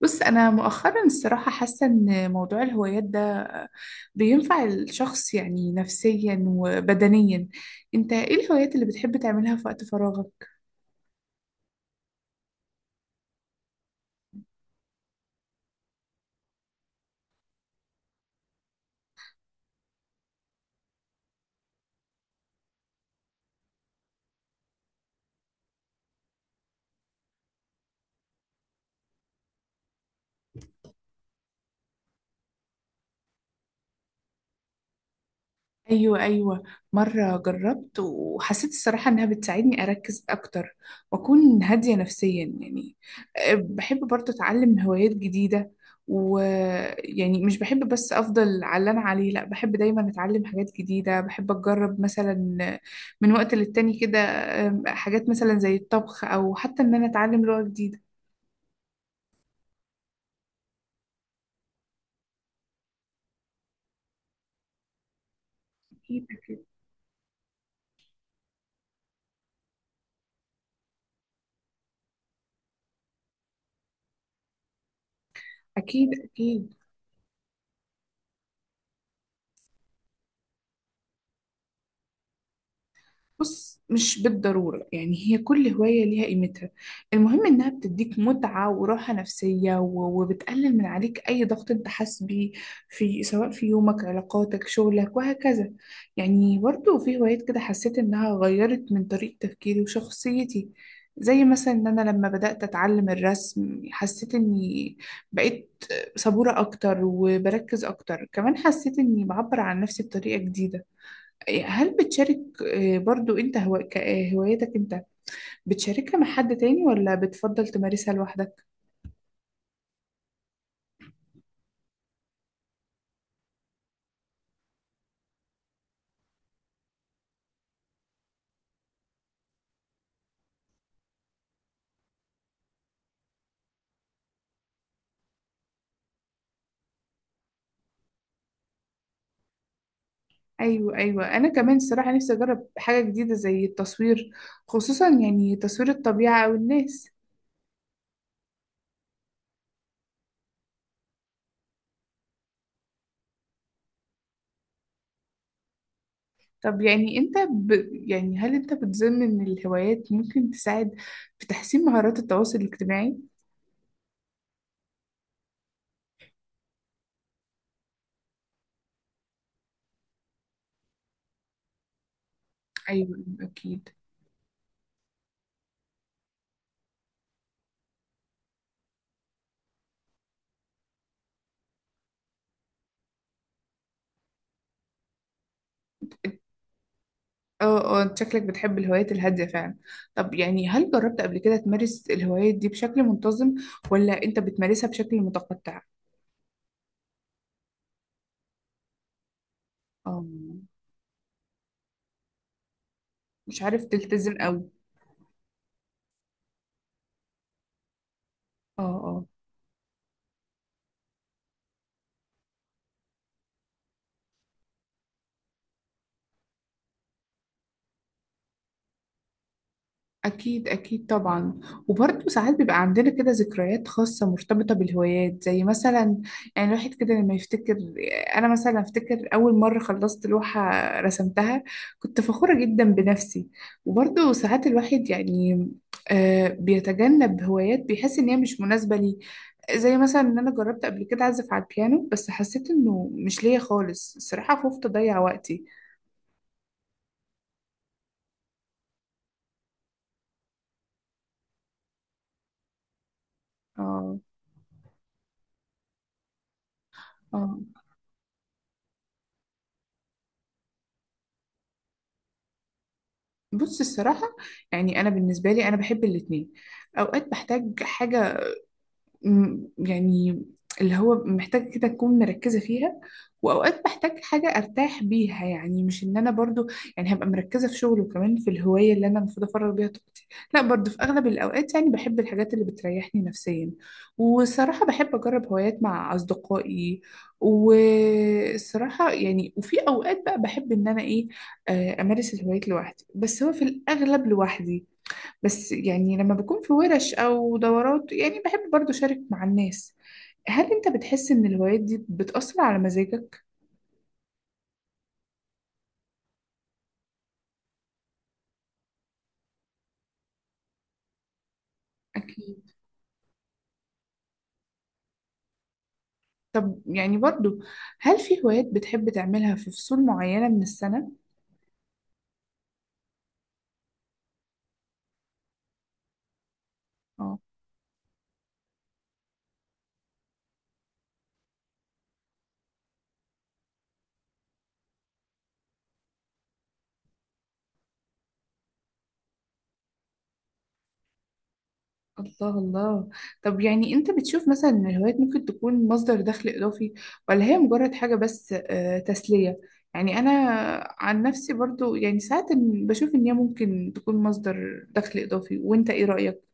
بص أنا مؤخرا الصراحة حاسة إن موضوع الهوايات ده بينفع الشخص، يعني نفسيا وبدنيا. أنت إيه الهوايات اللي بتحب تعملها في وقت فراغك؟ ايوه، ايوه. مره جربت وحسيت الصراحه انها بتساعدني اركز اكتر، واكون هاديه نفسيا يعني. بحب برضه اتعلم هوايات جديده، ويعني مش بحب بس افضل على اللي انا عليه، لا بحب دايما اتعلم حاجات جديده، بحب اجرب مثلا من وقت للتاني كده. حاجات مثلا زي الطبخ او حتى ان انا اتعلم لغه جديده. اكيد، اكيد. اكيد، اكيد. بص، مش بالضرورة، يعني هي كل هواية ليها قيمتها. المهم إنها بتديك متعة وراحة نفسية و- وبتقلل من عليك أي ضغط أنت حاسس بيه في، سواء في يومك، علاقاتك، شغلك، وهكذا. يعني برضو في هوايات كده حسيت إنها غيرت من طريقة تفكيري وشخصيتي، زي مثلا إن أنا لما بدأت أتعلم الرسم حسيت إني بقيت صبورة أكتر وبركز أكتر، كمان حسيت إني بعبر عن نفسي بطريقة جديدة. هل بتشارك آه، برضو انت هو... ك- آه، هوايتك انت بتشاركها مع حد تاني ولا بتفضل تمارسها لوحدك؟ ايوه، ايوه، انا كمان الصراحة نفسي اجرب حاجة جديدة زي التصوير، خصوصا يعني تصوير الطبيعة او الناس. طب يعني انت يعني هل انت بتظن ان الهوايات ممكن تساعد في تحسين مهارات التواصل الاجتماعي؟ ايوه، اكيد. اه، اه، انت شكلك بتحب الهوايات الهادية فعلا. طب يعني هل جربت قبل كده تمارس الهوايات دي بشكل منتظم، ولا انت بتمارسها بشكل متقطع؟ اه. مش عارف تلتزم قوي. اه، اه. أكيد، أكيد طبعا. وبرضه ساعات بيبقى عندنا كده ذكريات خاصة مرتبطة بالهوايات، زي مثلا يعني الواحد كده لما يفتكر، أنا مثلا أفتكر أول مرة خلصت لوحة رسمتها، كنت فخورة جدا بنفسي. وبرضه ساعات الواحد يعني بيتجنب هوايات بيحس إن هي مش مناسبة ليه، زي مثلا إن أنا جربت قبل كده أعزف على البيانو بس حسيت إنه مش ليا خالص، الصراحة خفت أضيع وقتي. اه، اه. بص الصراحة، يعني أنا بالنسبة لي أنا بحب الاتنين. أوقات بحتاج حاجة يعني اللي هو محتاج كده أكون مركزة فيها، وأوقات بحتاج حاجة أرتاح بيها، يعني مش إن أنا برضو يعني هبقى مركزة في شغل وكمان في الهواية اللي أنا المفروض أفرغ بيها طاقتي. لا، برضو في أغلب الأوقات يعني بحب الحاجات اللي بتريحني نفسيا، والصراحة بحب أجرب هوايات مع أصدقائي. والصراحة يعني وفي أوقات بقى بحب إن أنا إيه، أمارس الهوايات لوحدي، بس هو في الأغلب لوحدي. بس يعني لما بكون في ورش أو دورات يعني بحب برضو أشارك مع الناس. هل أنت بتحس إن الهوايات دي بتأثر على مزاجك؟ أكيد. طب يعني برضو، هل في هوايات بتحب تعملها في فصول معينة من السنة؟ اه. الله، الله. طب يعني أنت بتشوف مثلا إن الهوايات ممكن تكون مصدر دخل إضافي، ولا هي مجرد حاجة بس تسلية؟ يعني أنا عن نفسي برضو يعني ساعات بشوف إن هي ممكن تكون مصدر دخل إضافي، وأنت إيه رأيك؟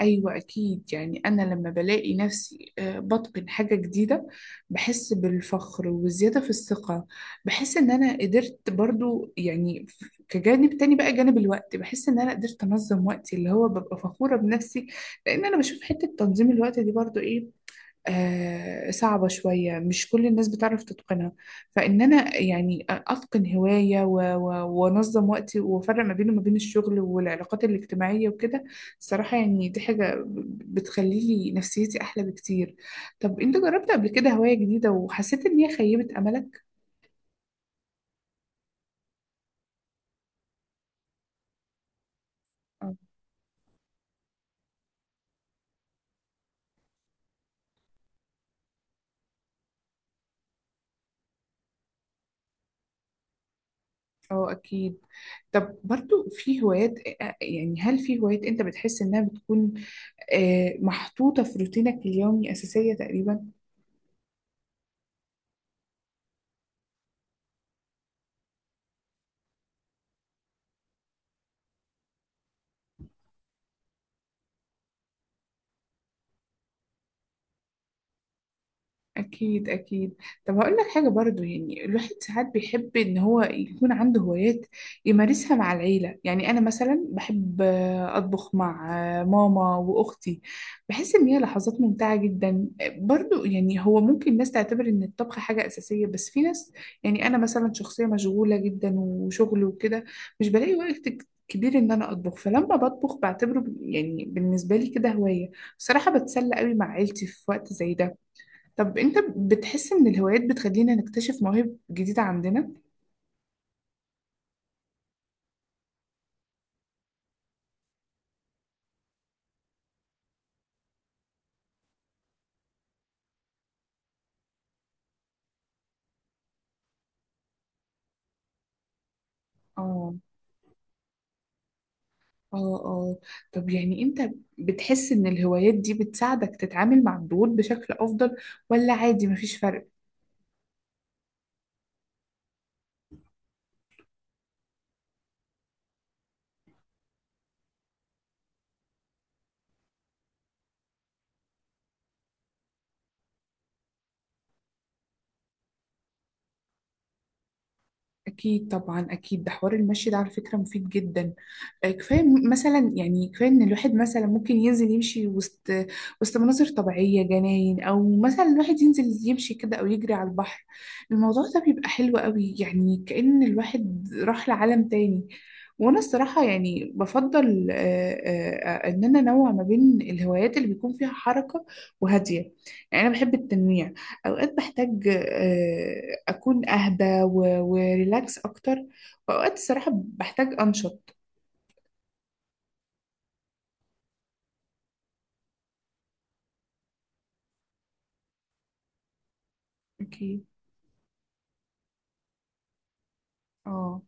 أيوة، أكيد. يعني أنا لما بلاقي نفسي بتقن حاجة جديدة بحس بالفخر والزيادة في الثقة. بحس إن أنا قدرت برضو، يعني كجانب تاني بقى، جانب الوقت، بحس إن أنا قدرت أنظم وقتي اللي هو ببقى فخورة بنفسي. لأن أنا بشوف حتة تنظيم الوقت دي برضو إيه، صعبة شوية، مش كل الناس بتعرف تتقنها. فإن أنا يعني أتقن هواية و- و- وأنظم وقتي وأفرق ما بينه وما بين الشغل والعلاقات الاجتماعية وكده، الصراحة يعني دي حاجة بتخليلي نفسيتي أحلى بكتير. طب أنت جربت قبل كده هواية جديدة وحسيت إن هي خيبت أملك؟ آه. اه، اكيد. طب برضو، في هوايات يعني هل في هوايات انت بتحس انها بتكون محطوطة في روتينك اليومي، اساسية تقريبا. أكيد، أكيد. طب هقول لك حاجة برضو، يعني الواحد ساعات بيحب إن هو يكون عنده هوايات يمارسها مع العيلة، يعني أنا مثلا بحب أطبخ مع ماما وأختي، بحس إن هي لحظات ممتعة جدا. برضو يعني هو ممكن ناس تعتبر إن الطبخ حاجة أساسية، بس في ناس، يعني أنا مثلا شخصية مشغولة جدا وشغل وكده، مش بلاقي وقت كبير إن أنا أطبخ، فلما بطبخ بعتبره يعني بالنسبة لي كده هواية، بصراحة بتسلى قوي مع عيلتي في وقت زي ده. طب انت بتحس ان الهوايات بتخلينا نكتشف مواهب جديدة عندنا؟ اه، اه، اه. طب يعني انت بتحس ان الهوايات دي بتساعدك تتعامل مع الضغوط بشكل افضل، ولا عادي مفيش فرق؟ أكيد طبعا. أكيد ده حوار المشي ده، على فكرة مفيد جدا. كفاية مثلا، يعني كفاية إن الواحد مثلا ممكن ينزل يمشي وسط مناظر طبيعية، جناين، أو مثلا الواحد ينزل يمشي كده أو يجري على البحر. الموضوع ده بيبقى حلو قوي، يعني كأن الواحد راح لعالم تاني. وأنا الصراحة يعني بفضل إن أنا أنوع ما بين الهوايات اللي بيكون فيها حركة وهادية، يعني أنا بحب التنويع. أوقات بحتاج أكون أهدى و- وريلاكس أكتر، وأوقات الصراحة بحتاج أنشط. أكيد. اه.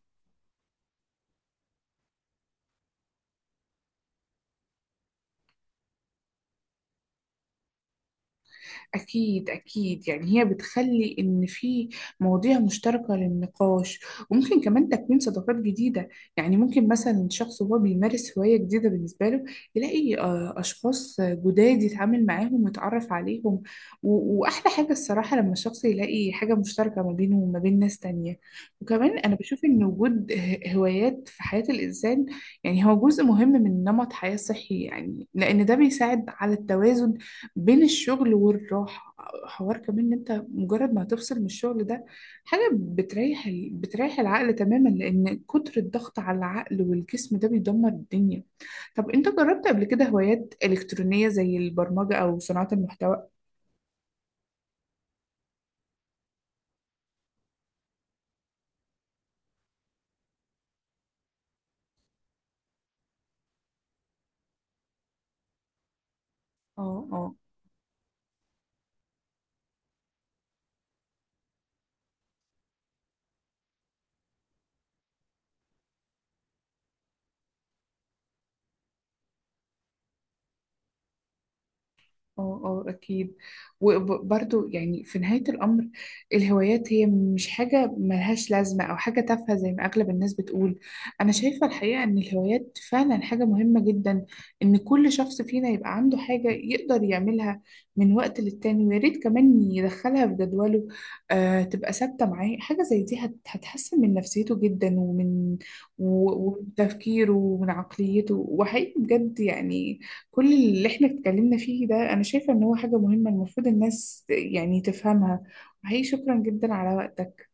أكيد، أكيد. يعني هي بتخلي إن في مواضيع مشتركة للنقاش، وممكن كمان تكوين صداقات جديدة، يعني ممكن مثلا شخص هو بيمارس هواية جديدة بالنسبة له يلاقي أشخاص جداد يتعامل معاهم ويتعرف عليهم. و- وأحلى حاجة الصراحة لما الشخص يلاقي حاجة مشتركة ما بينه وما بين ناس تانية. وكمان أنا بشوف إن وجود هوايات في حياة الإنسان يعني هو جزء مهم من نمط حياة صحي، يعني لأن ده بيساعد على التوازن بين الشغل والراحة. حوار كمان، ان انت مجرد ما هتفصل من الشغل ده، حاجة بتريح بتريح العقل تماما، لان كتر الضغط على العقل والجسم ده بيدمر الدنيا. طب انت جربت قبل كده هوايات إلكترونية زي البرمجة او صناعة المحتوى؟ اه، اه، اه، اه، اكيد. وبرضو يعني في نهاية الامر الهوايات هي مش حاجة ملهاش لازمة او حاجة تافهة زي ما اغلب الناس بتقول. انا شايفة الحقيقة ان الهوايات فعلا حاجة مهمة جدا، ان كل شخص فينا يبقى عنده حاجة يقدر يعملها من وقت للتاني، ويا ريت كمان يدخلها في جدوله تبقى ثابتة معاه. حاجة زي دي هتحسن من نفسيته جدا، ومن و- ومن تفكيره ومن عقليته، وحقيقي بجد يعني كل اللي احنا اتكلمنا فيه ده انا شايفة ان هو حاجة مهمة المفروض الناس يعني تفهمها. وحقيقي شكرا جدا على وقتك.